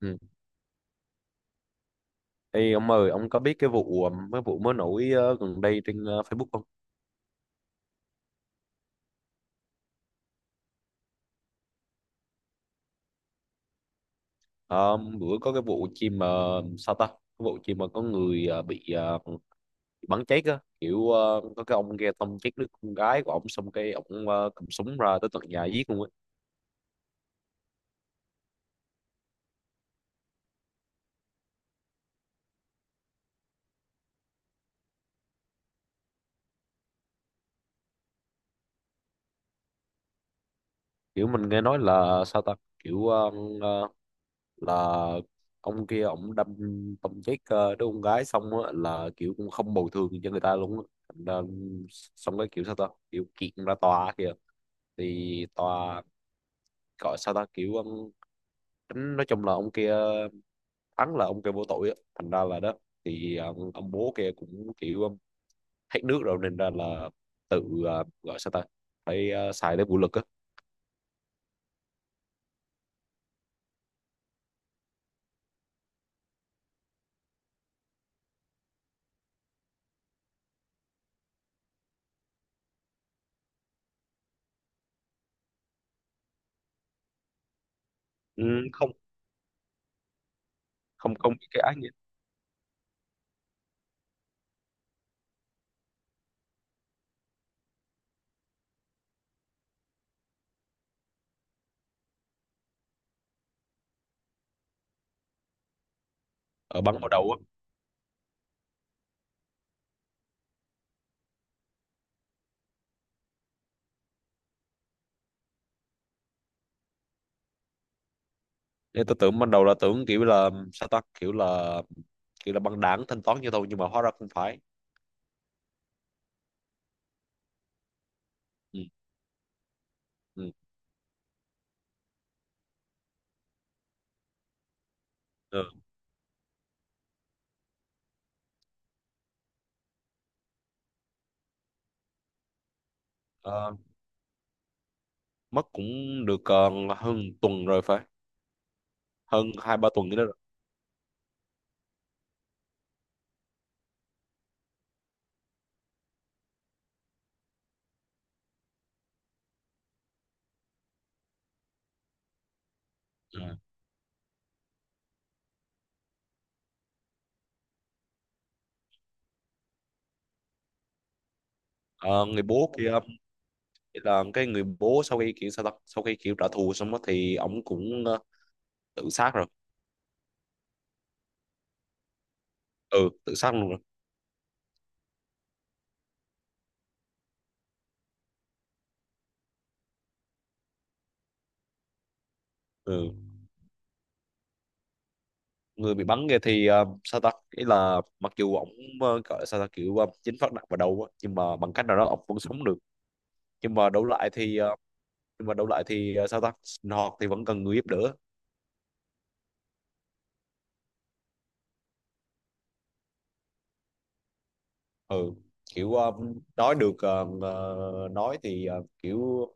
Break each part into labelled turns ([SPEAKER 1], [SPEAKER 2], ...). [SPEAKER 1] Ừ. Ê, ông ơi, ông có biết cái vụ mới nổi gần đây trên Facebook không? Ờ, Bữa có cái vụ chim sao ta? Cái vụ chim mà có người bị bắn chết á, kiểu có cái ông kia tông chết đứa con gái của ông xong cái ông cầm súng ra tới tận nhà giết luôn á. Kiểu mình nghe nói là sao ta? Kiểu ờ, là ông kia ông tông chết đứa con gái xong á, là kiểu cũng không bồi thường cho người ta luôn á. Thành ra, xong cái kiểu sao ta? Kiểu kiện ra tòa kìa thì tòa gọi sao ta kiểu tính, nói chung là ông kia thắng, là ông kia vô tội á, thành ra là đó thì ông bố kia cũng kiểu hết nước rồi nên ra là tự gọi sao ta phải xài đến vũ lực á. Ừ, không, không bị cái ác nghiệt. Ở bắn vào đầu á, nên tôi tưởng ban đầu là tưởng kiểu là sao ta, kiểu là băng đảng thanh toán như thôi nhưng mà hóa ra không phải. Ừ, ừ. Ừ. Ờ, mất cũng được hơn tuần rồi, phải hơn hai ba tuần nữa rồi. Ừ. Ờ, người bố kia thì là cái người bố sau khi kiểu sao ta, sau khi kiểu trả thù xong đó thì ổng cũng tự sát rồi. Ừ, tự sát luôn rồi. Ừ, người bị bắn kia thì sao ta, ý là mặc dù ổng gọi là sao ta kiểu chính phát nặng vào đầu á nhưng mà bằng cách nào đó ổng vẫn sống được. nhưng mà đấu lại thì ờ, nhưng mà đấu lại thì sao ta, sinh hoạt thì vẫn cần người giúp đỡ. Ừ, kiểu nói được, nói thì kiểu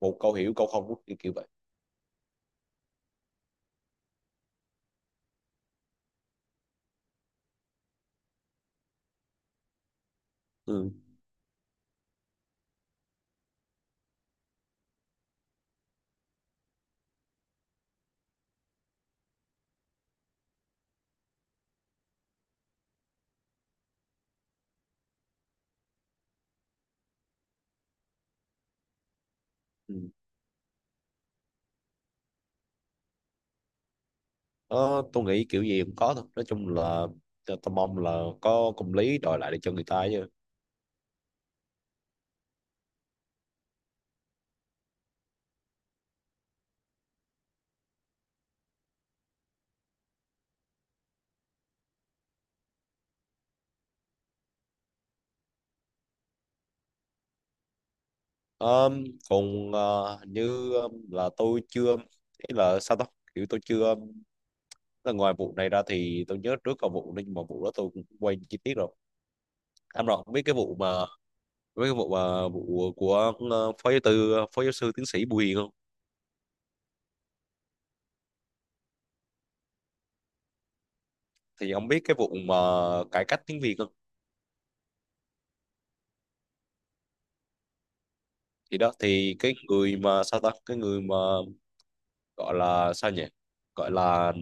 [SPEAKER 1] một câu hiểu câu không, kiểu kiểu vậy. Ừ. Ừ. Ờ, tôi nghĩ kiểu gì cũng có thôi. Nói chung là tôi mong là có công lý đòi lại để cho người ta chứ. Ờm, Còn hình như là tôi chưa, ý là sao đó, kiểu tôi chưa, là ngoài vụ này ra thì tôi nhớ trước có vụ nhưng mà vụ đó tôi cũng quên chi tiết rồi. Anh Rọt biết cái vụ mà vụ của phó giáo sư tiến sĩ Bùi Hiền không? Thì ông biết cái vụ mà cải cách tiếng Việt không? Thì đó, thì cái người mà sao ta, cái người mà gọi là sao nhỉ, gọi là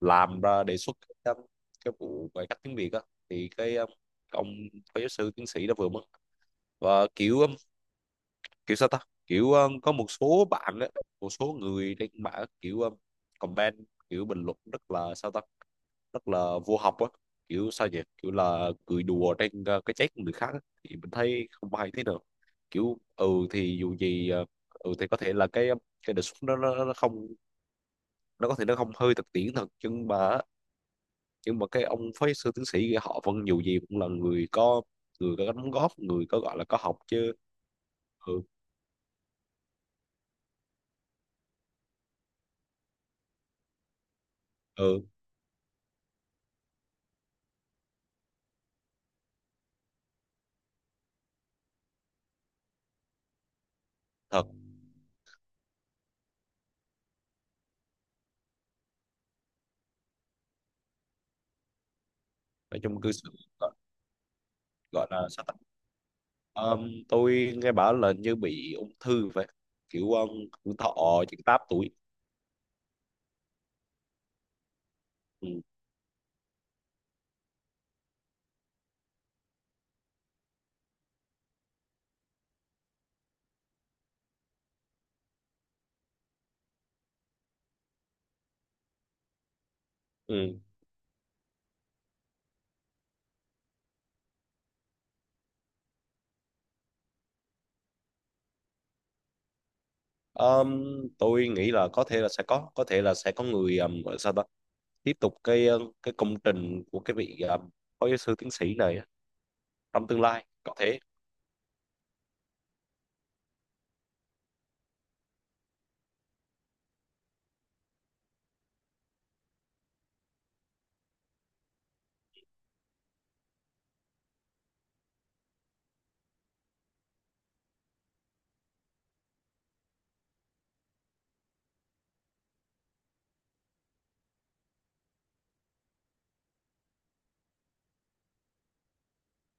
[SPEAKER 1] làm ra đề xuất cái, um, cái vụ cải cách tiếng Việt á, thì cái ông phó giáo sư tiến sĩ đã vừa mất. Và kiểu kiểu sao ta kiểu có một số bạn á, một số người trên mạng kiểu comment, kiểu bình luận rất là sao ta, rất là vô học á, kiểu sao nhỉ, kiểu là cười đùa trên cái chết của người khác á. Thì mình thấy không hay thế nào, kiểu ừ thì dù gì ừ thì có thể là cái đề xuất đó nó không, nó có thể nó không hơi thực tiễn thật, nhưng mà cái ông phái sư tiến sĩ kia họ vẫn dù gì cũng là người có, đóng góp, người có gọi là có học chứ. Ừ. Ừ thật. Nói chung cư xử, gọi, là sao ta. Tôi nghe bảo là như bị ung thư vậy, kiểu thọ chỉ 8 tuổi. Ừ. Ừ. Ờm, tôi nghĩ là có thể là sẽ có, người gọi là sao ta tiếp tục cái cái công trình của cái vị phó giáo sư tiến sĩ này trong tương lai, có thể.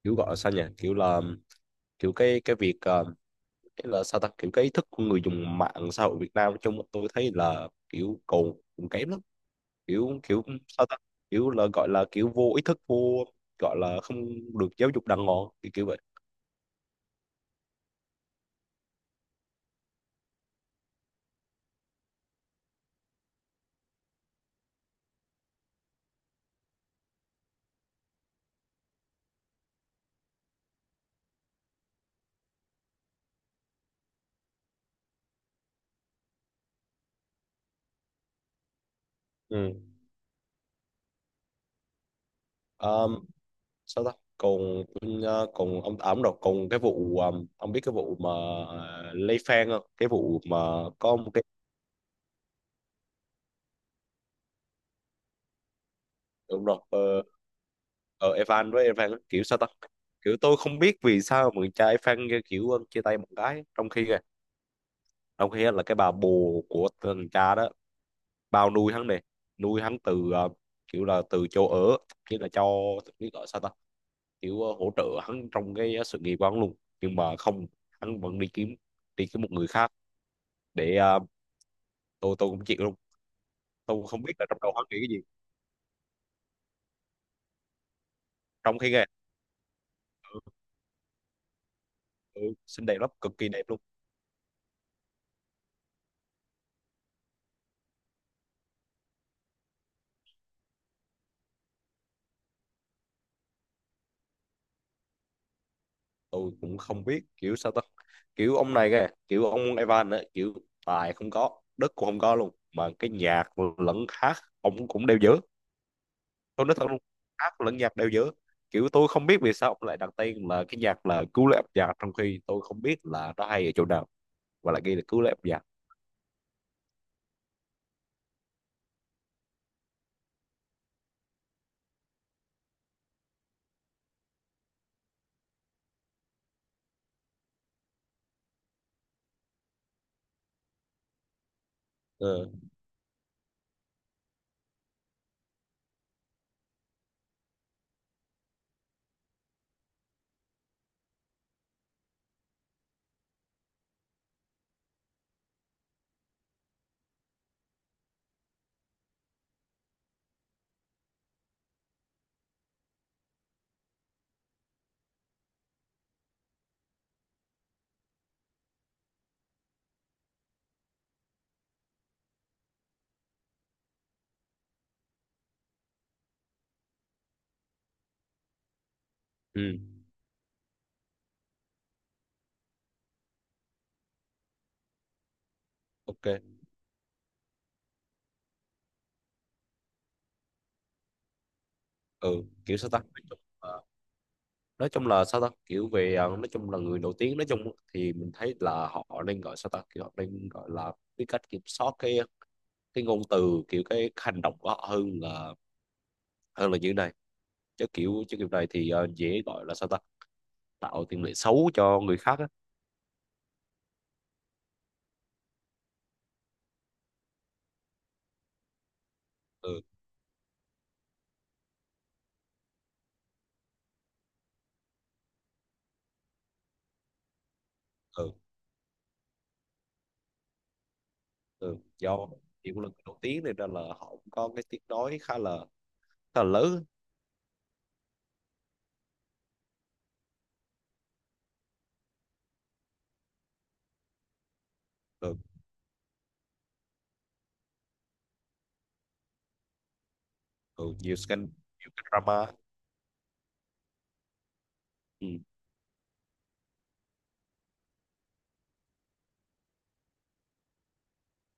[SPEAKER 1] Kiểu gọi là sao nhỉ, kiểu là kiểu cái việc cái là sao ta, kiểu cái ý thức của người dùng mạng xã hội Việt Nam nói chung tôi thấy là kiểu còn còn kém lắm, kiểu kiểu sao ta, kiểu là gọi là kiểu vô ý thức, vô gọi là không được giáo dục đàng hoàng, kiểu, kiểu vậy. Ừ. um, Sao ta, còn còn ông à, đúng rồi, còn cái vụ ông biết cái vụ mà Lê Phan không, cái vụ mà có một, đúng rồi Evan với Evan á, kiểu sao ta, kiểu tôi không biết vì sao mà người cha Evan kia kiểu chia tay một cái, trong khi kìa, trong khi á là cái bà bồ của thằng cha đó bao nuôi hắn này, nuôi hắn từ kiểu là từ chỗ ở, nghĩa là cho biết gọi sao ta, kiểu hỗ trợ hắn trong cái sự nghiệp của hắn luôn, nhưng mà không, hắn vẫn đi kiếm một người khác để tôi cũng chịu luôn, tôi cũng không biết là trong đầu hắn nghĩ cái gì. Trong khi nghe tôi xinh đẹp lắm, cực kỳ đẹp luôn. Tôi cũng không biết kiểu sao ta, kiểu ông này kìa, kiểu ông Evan ấy, kiểu tài không có, đất cũng không có luôn, mà cái nhạc lẫn hát ông cũng đều dở, tôi nói thật luôn. Hát lẫn nhạc đều dở, kiểu tôi không biết vì sao ông lại đặt tên là cái nhạc là cứu lấy âm nhạc, trong khi tôi không biết là nó hay ở chỗ nào, và lại ghi là cứu lấy âm nhạc. Ừ. Ừ. OK. ừ kiểu sao ta nói chung là sao ta, kiểu về nói chung là người nổi tiếng, nói chung thì mình thấy là họ nên gọi sao ta, kiểu họ nên gọi là biết cách kiểm soát cái ngôn từ, kiểu cái hành động của họ, hơn là như thế này, chứ kiểu này thì dễ gọi là sao ta, tạo tiền lệ xấu cho người khác á. Ừ. Ừ. Ừ. Do chỉ một lần đầu tiên này nên là họ cũng có cái tiếng nói khá là lớn. Ừ. Ừ, nhiều scandal, nhiều cái drama. Ừ.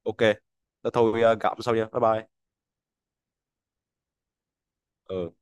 [SPEAKER 1] OK, thế thôi, gặp sau nha, bye bye. Ừ.